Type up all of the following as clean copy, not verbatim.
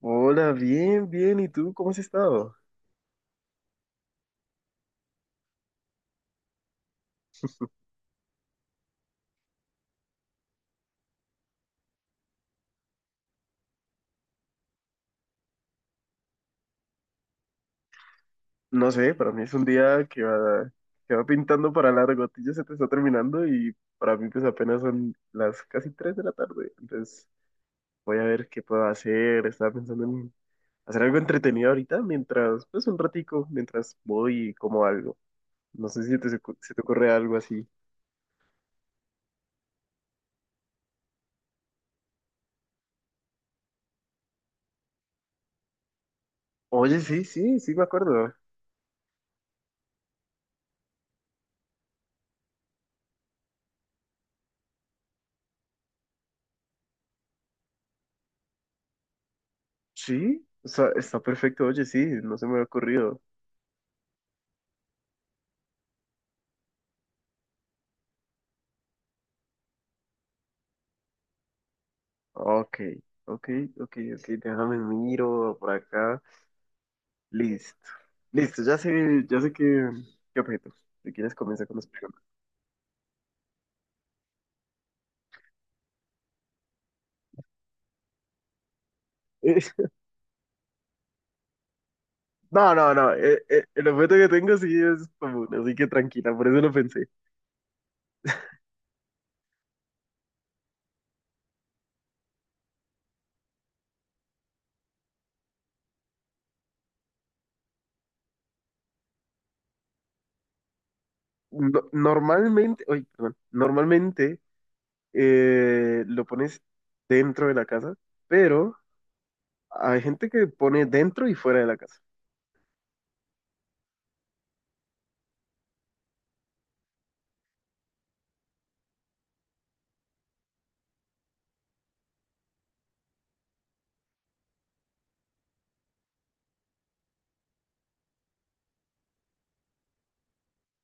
Hola, bien, bien. ¿Y tú cómo has estado? No sé, para mí es un día que va pintando para largo. A ti ya se te está terminando y para mí pues apenas son las casi 3 de la tarde. Entonces voy a ver qué puedo hacer. Estaba pensando en hacer algo entretenido ahorita mientras, pues un ratico, mientras voy y como algo. No sé si te, se te ocurre algo así. Oye, sí, sí, sí me acuerdo. Sí, o sea, está perfecto. Oye, sí, no se me ha ocurrido. Ok, ok, ok, ok, déjame miro por acá. Listo, listo, ya sé qué, qué objeto. Si quieres, comienza con las preguntas. Eh, no, no, no, el objeto que tengo sí es común, así que tranquila, por eso lo pensé. Normalmente, oye, perdón, normalmente lo pones dentro de la casa, pero hay gente que pone dentro y fuera de la casa.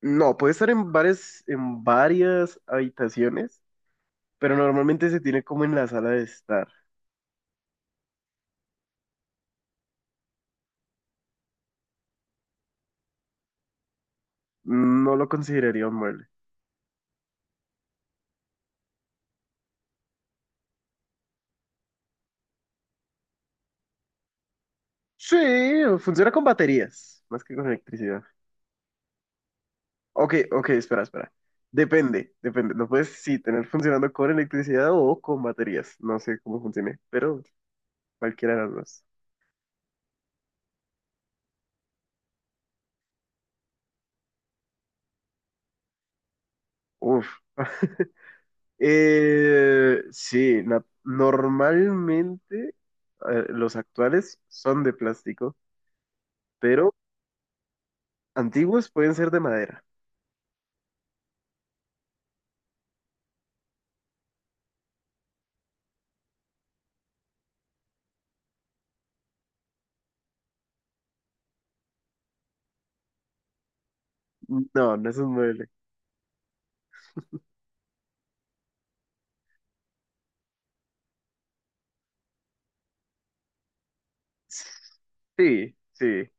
No, puede estar en varias habitaciones pero normalmente se tiene como en la sala de estar. No lo consideraría un mueble. Sí, funciona con baterías, más que con electricidad. Ok, ok, espera, espera. Depende, depende. Lo puedes sí tener funcionando con electricidad o con baterías. No sé cómo funcione, pero cualquiera de las dos. Uf. Sí, normalmente los actuales son de plástico, pero antiguos pueden ser de madera. No, no es un mueble. Sí, sí.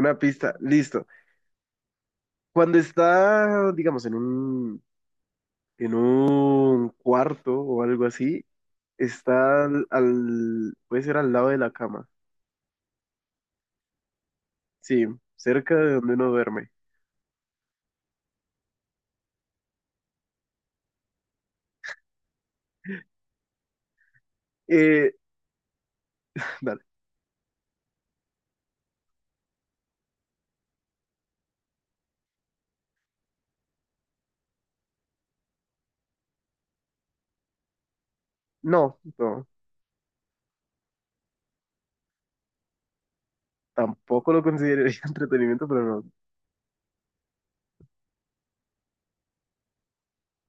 Una pista, listo. Cuando está, digamos, en un cuarto o algo así, está al, puede ser al lado de la cama. Sí, cerca de donde uno duerme. Eh, Dale. No, no, tampoco lo consideraría entretenimiento, pero no.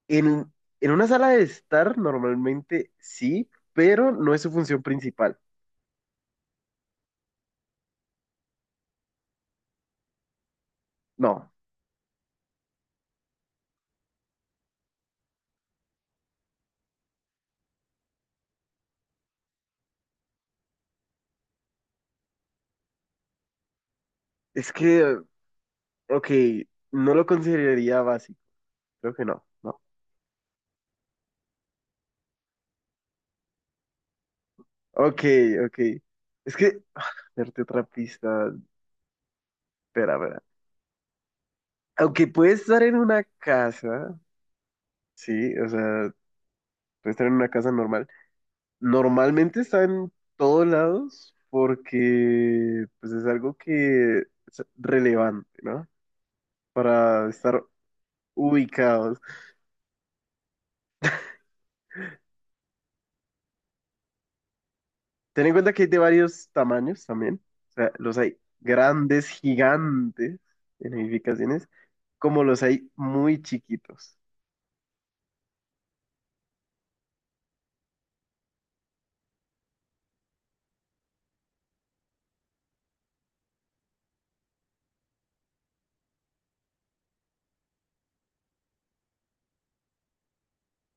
En, en una sala de estar, normalmente sí, pero no es su función principal. No, es que, ok, no lo consideraría básico. Creo que no, no. Ok, ok. Es que, darte otra pista. Espera, espera. Aunque puedes estar en una casa, sí, o sea, puedes estar en una casa normal. Normalmente está en todos lados porque pues es algo que es relevante, ¿no? Para estar ubicados. Ten en cuenta que hay de varios tamaños también. O sea, los hay grandes, gigantes en edificaciones, como los hay muy chiquitos.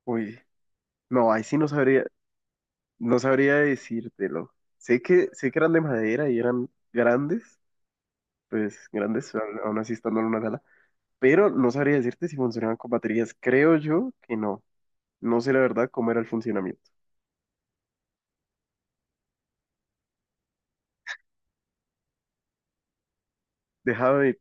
Uy. No, ahí sí no sabría, no sabría decírtelo. Sé que eran de madera y eran grandes, pues grandes, aún así estando en una sala, pero no sabría decirte si funcionaban con baterías. Creo yo que no. No sé la verdad cómo era el funcionamiento. Déjame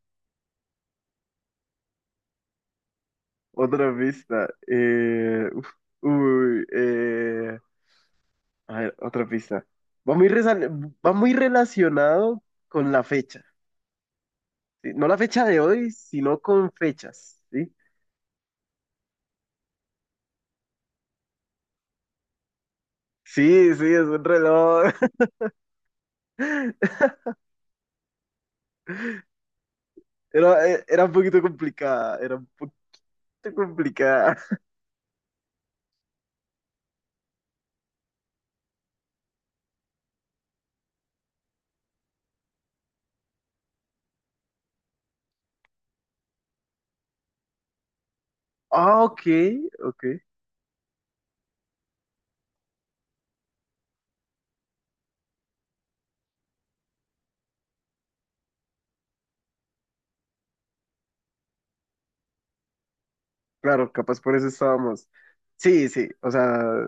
otra pista. Uy, eh, a ver, otra pista. Va muy, va muy relacionado con la fecha. ¿Sí? No la fecha de hoy, sino con fechas. ¿Sí? Sí, sí, es un reloj. Era, era un poquito complicada, era un poquito complicada. Ah, ok, ok. Claro, capaz por eso estábamos. Sí, sí, o sea,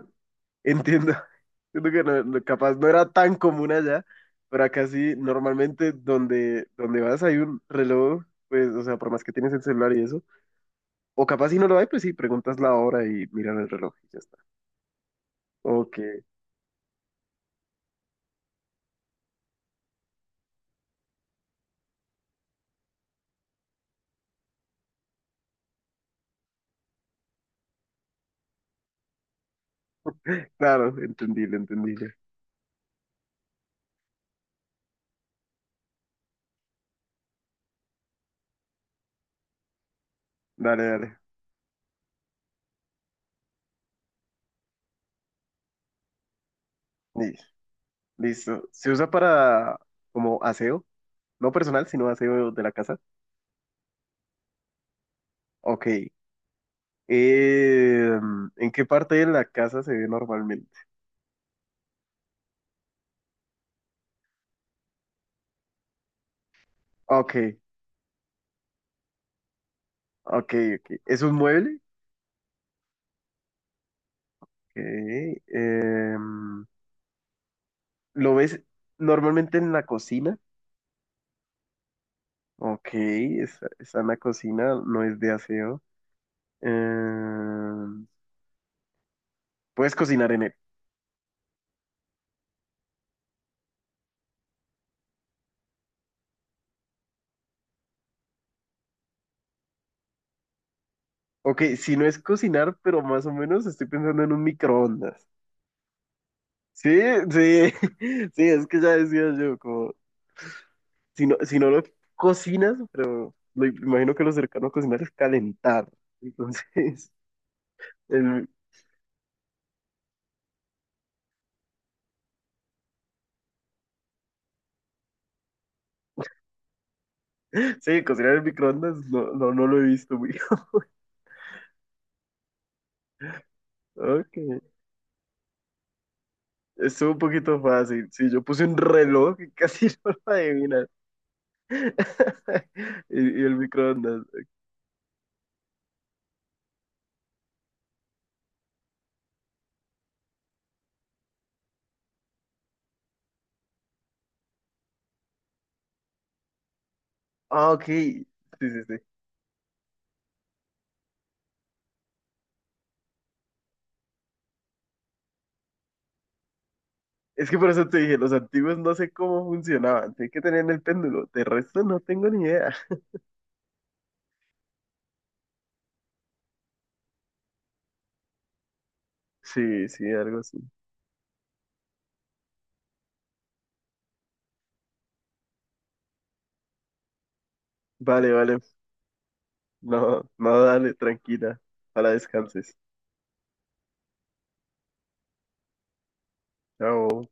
entiendo. Entiendo que capaz no era tan común allá, pero acá sí, normalmente donde, donde vas hay un reloj, pues, o sea, por más que tienes el celular y eso. O capaz si no lo hay, pues sí, preguntas la hora y miran el reloj y ya está. Ok, claro, entendible, entendible. Dale, dale. Li- Listo. ¿Se usa para como aseo? No personal, sino aseo de la casa. Ok. Eh, ¿En qué parte de la casa se ve normalmente? Ok, ok, ok. ¿Es un mueble? Ok. Em, ¿lo ves normalmente en la cocina? Ok, está, está en la cocina, no es de aseo. Em, puedes cocinar en él. Ok, si no es cocinar, pero más o menos estoy pensando en un microondas. Sí, sí, sí, es que ya decía yo, como si no, si no lo cocinas, pero lo, imagino que lo cercano a cocinar es calentar. Entonces, el- sí, cocinar en microondas no, no, no lo he visto, muy Ok, estuvo un poquito fácil. Sí, yo puse un reloj y casi no lo adivinas. Y, y el microondas. Ah, ok. Sí, sí, sí. Es que por eso te dije, los antiguos no sé cómo funcionaban. Tienen que tener el péndulo. De resto no tengo ni idea. Sí, sí, algo así. Vale, vale. No, no, dale, tranquila. Para descanses. Chao.